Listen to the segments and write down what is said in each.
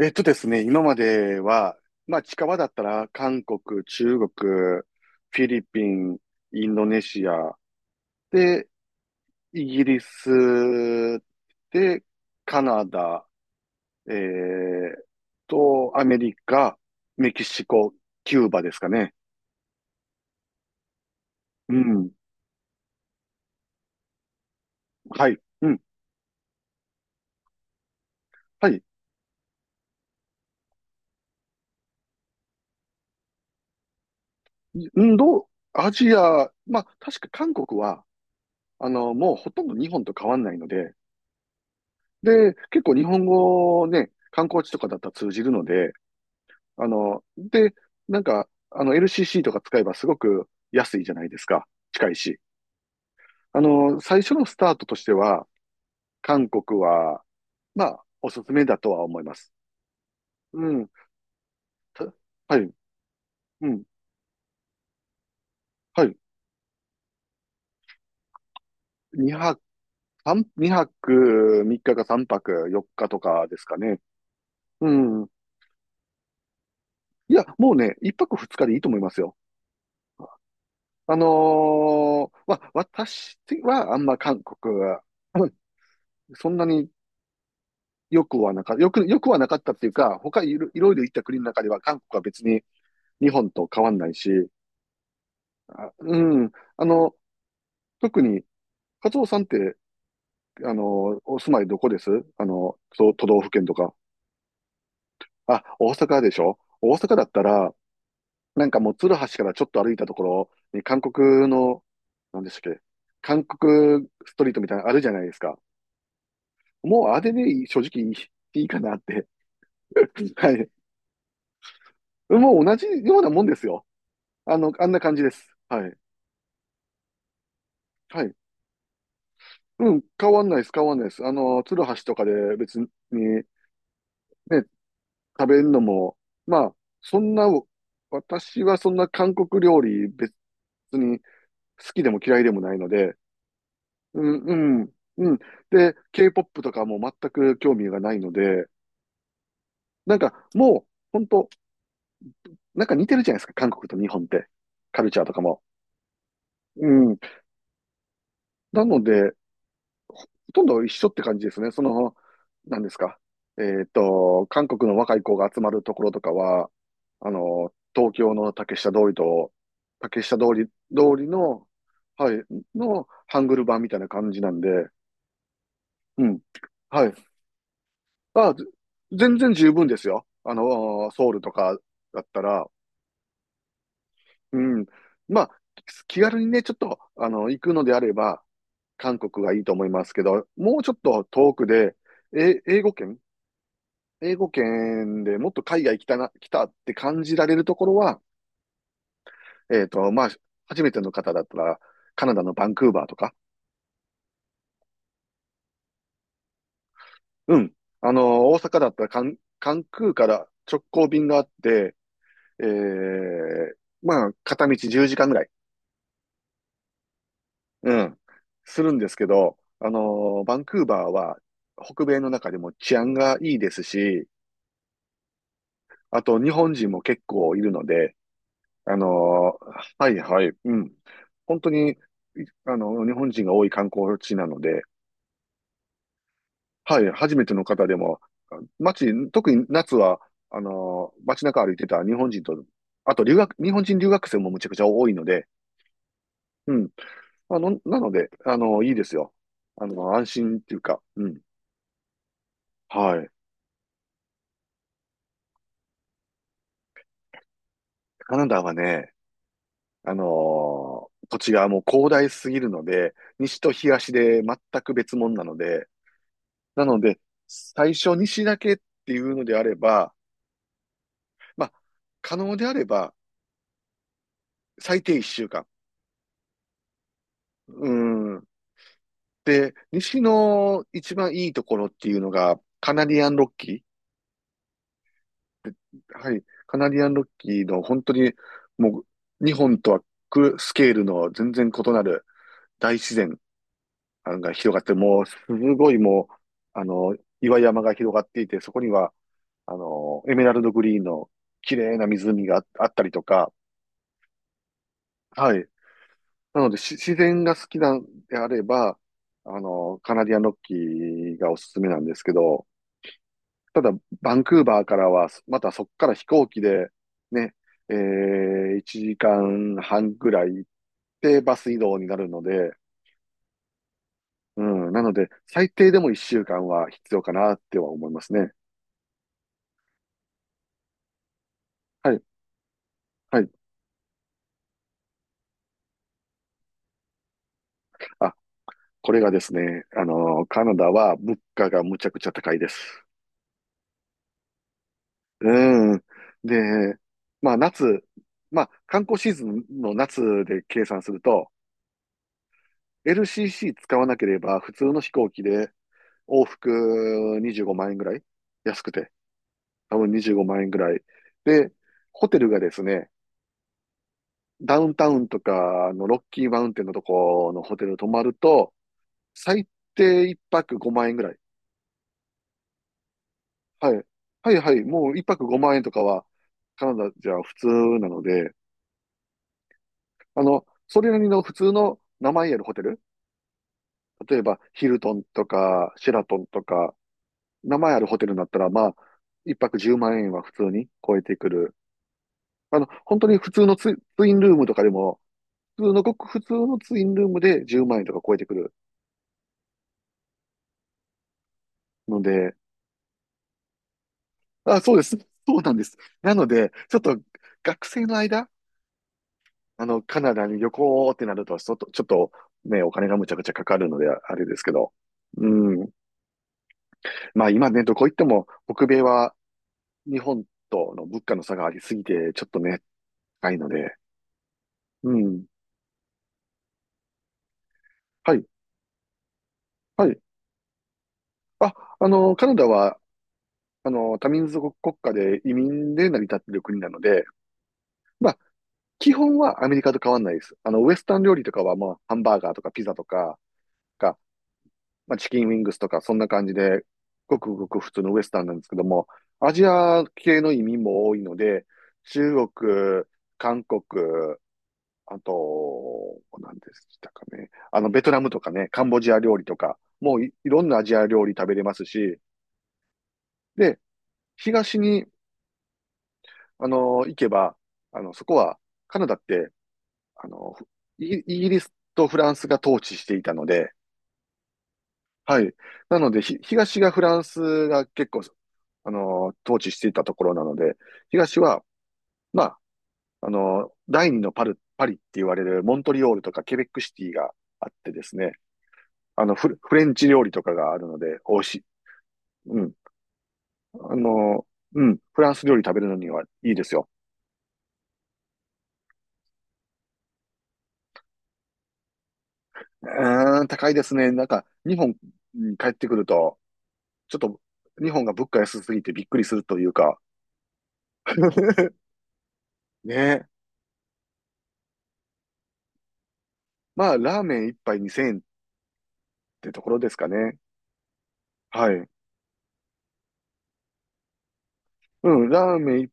ですね、今までは、まあ近場だったら韓国、中国、フィリピン、インドネシア、で、イギリス、で、カナダ、えーアメリカ、メキシコ、キューバですかね。うん。はい。うん。はい。インド、アジア、まあ確か韓国は、あの、もうほとんど日本と変わんないので、で、結構日本語ね、観光地とかだったら通じるので、あの、で、なんか、あの LCC とか使えばすごく安いじゃないですか。近いし。あの、最初のスタートとしては、韓国は、まあ、おすすめだとは思います。うん。たはい。うん。はい。2泊、2泊3日か3泊4日とかですかね。うん。いや、もうね、1泊2日でいいと思いますよ。あの私はあんま韓国は、うん、そんなによくはなかったっていうか、他いろいろ行った国の中では韓国は別に日本と変わんないし、あ、うん。あの、特に、カツオさんって、あの、お住まいどこです？あの、都道府県とか。あ、大阪でしょ？大阪だったら、なんかもう、鶴橋からちょっと歩いたところに、韓国の、なんでしたっけ、韓国ストリートみたいなのあるじゃないですか。もう、あれでいい、正直いいかなって。はい。もう同じようなもんですよ。あの、あんな感じです。はい。はい。うん、変わんないです、変わんないです。あの、鶴橋とかで別にね、食べるのも、まあ、そんな、私はそんな韓国料理別に好きでも嫌いでもないので、うん、うん、うん。で、K-POP とかも全く興味がないので、なんかもう、本当なんか似てるじゃないですか、韓国と日本って。カルチャーとかも。うん。なので、ほとんど一緒って感じですね。その、何ですか。えっと、韓国の若い子が集まるところとかは、あの、東京の竹下通り、通りの、はい、のハングル版みたいな感じなんで、うん、はい。あ、全然十分ですよ。あの、ソウルとかだったら、うん。まあ、気軽にね、ちょっと、あの、行くのであれば、韓国がいいと思いますけど、もうちょっと遠くで、え、英語圏英語圏でもっと海外来たって感じられるところは、えっと、まあ、初めての方だったら、カナダのバンクーバーとか、うん。あの、大阪だったらカンクーから直行便があって、ええ、まあ、片道10時間ぐらい、うん、するんですけど、あの、バンクーバーは北米の中でも治安がいいですし、あと日本人も結構いるので、はいはい、うん。本当に、あの、日本人が多い観光地なので、はい、初めての方でも、街、特に夏は、街中歩いてた日本人と、あと留学、日本人留学生もむちゃくちゃ多いので、うん。あの、なので、あのいいですよ。あの、安心っていうか、うん。はい。カナダはね、あの土地がもう広大すぎるので、西と東で全く別物なので、なので、最初にだけっていうのであれば、まあ、可能であれば、最低1週間。うん。で、西の一番いいところっていうのが、カナディアンロッキー。はい。カナディアンロッキーの本当に、もう、日本とはスケールの全然異なる大自然が広がって、もう、すごいもう、あの、岩山が広がっていて、そこには、あの、エメラルドグリーンの綺麗な湖があったりとか、はい。なので、自然が好きなんであれば、あの、カナディアンロッキーがおすすめなんですけど、ただ、バンクーバーからは、またそこから飛行機で、ね、1時間半ぐらい行ってバス移動になるので、うん、なので、最低でも1週間は必要かなっては思いますね。はい、はい。あ、これがですね、あの、カナダは物価がむちゃくちゃ高いです。うん。で、まあ夏、まあ観光シーズンの夏で計算すると、LCC 使わなければ普通の飛行機で往復25万円ぐらい安くて、多分25万円ぐらい。で、ホテルがですね、ダウンタウンとかのロッキーマウンテンのとこのホテル泊まると、最低1泊5万円ぐらい。はい。はいはい。もう1泊5万円とかはカナダじゃ普通なので、あの、それなりの普通の名前あるホテル、例えばヒルトンとかシェラトンとか、名前あるホテルになったら、まあ、一泊10万円は普通に超えてくる。あの、本当に普通のツインルームとかでも、普通のごく普通のツインルームで10万円とか超えてくるので、あ、そうです。そうなんです。なので、ちょっと学生の間、あの、カナダに旅行ってなると、ちょっと、ちょっとね、お金がむちゃくちゃかかるので、あれですけど。うん。まあ今ね、どこ行っても北米は日本との物価の差がありすぎて、ちょっとね、高いので。うん。はい、はい。あ、あの、カナダは、あの、多民族国家で移民で成り立っている国なので、まあ、基本はアメリカと変わんないです。あの、ウエスタン料理とかは、まあ、ハンバーガーとかピザとかが、まあ、チキンウィングスとか、そんな感じで、ごくごく普通のウエスタンなんですけども、アジア系の移民も多いので、中国、韓国、あと、何でしたかね。あの、ベトナムとかね、カンボジア料理とか、もういろんなアジア料理食べれますし、で、東に、あの、行けば、あの、そこは、カナダって、あの、イギリスとフランスが統治していたので、はい。なので、東がフランスが結構、あの、統治していたところなので、東は、まあ、あの、第二のパリって言われるモントリオールとかケベックシティがあってですね、あのフレンチ料理とかがあるので、美味しい。うん。あの、うん。フランス料理食べるのにはいいですよ。うーん、高いですね。なんか、日本に帰ってくると、ちょっと、日本が物価安すぎてびっくりするというか。ねえ。まあ、ラーメン一杯2000円ってところですかね。はい。うん、ラーメン一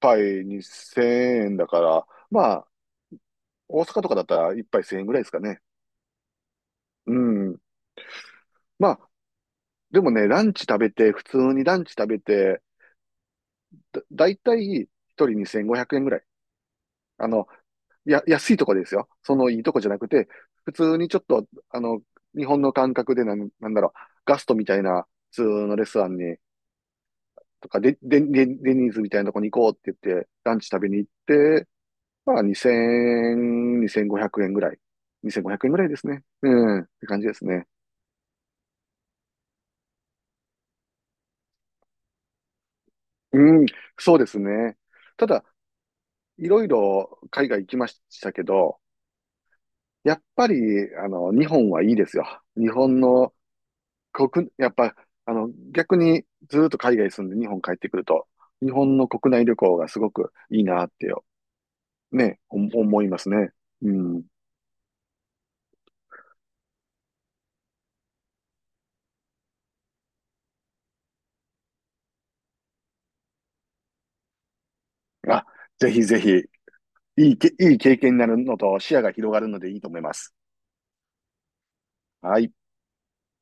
杯2000円だから、まあ、大阪とかだったら一杯1000円ぐらいですかね。うん。まあ、でもね、ランチ食べて、普通にランチ食べて、だいたい一人2500円ぐらい。あの、安いとこですよ。そのいいとこじゃなくて、普通にちょっと、あの、日本の感覚でなんだろう、ガストみたいな普通のレストランに、とか、で、で、で、デニーズみたいなとこに行こうって言って、ランチ食べに行って、まあ2000、2500円ぐらい。2500円ぐらいですね。うん、って感じですね。うん、そうですね。ただ、いろいろ海外行きましたけど、やっぱり、あの、日本はいいですよ。日本の国、やっぱ、あの、逆にずーっと海外住んで日本帰ってくると、日本の国内旅行がすごくいいなってよ、ね、思いますね。うん。あ、ぜひぜひ、いい経験になるのと視野が広がるのでいいと思います。はい。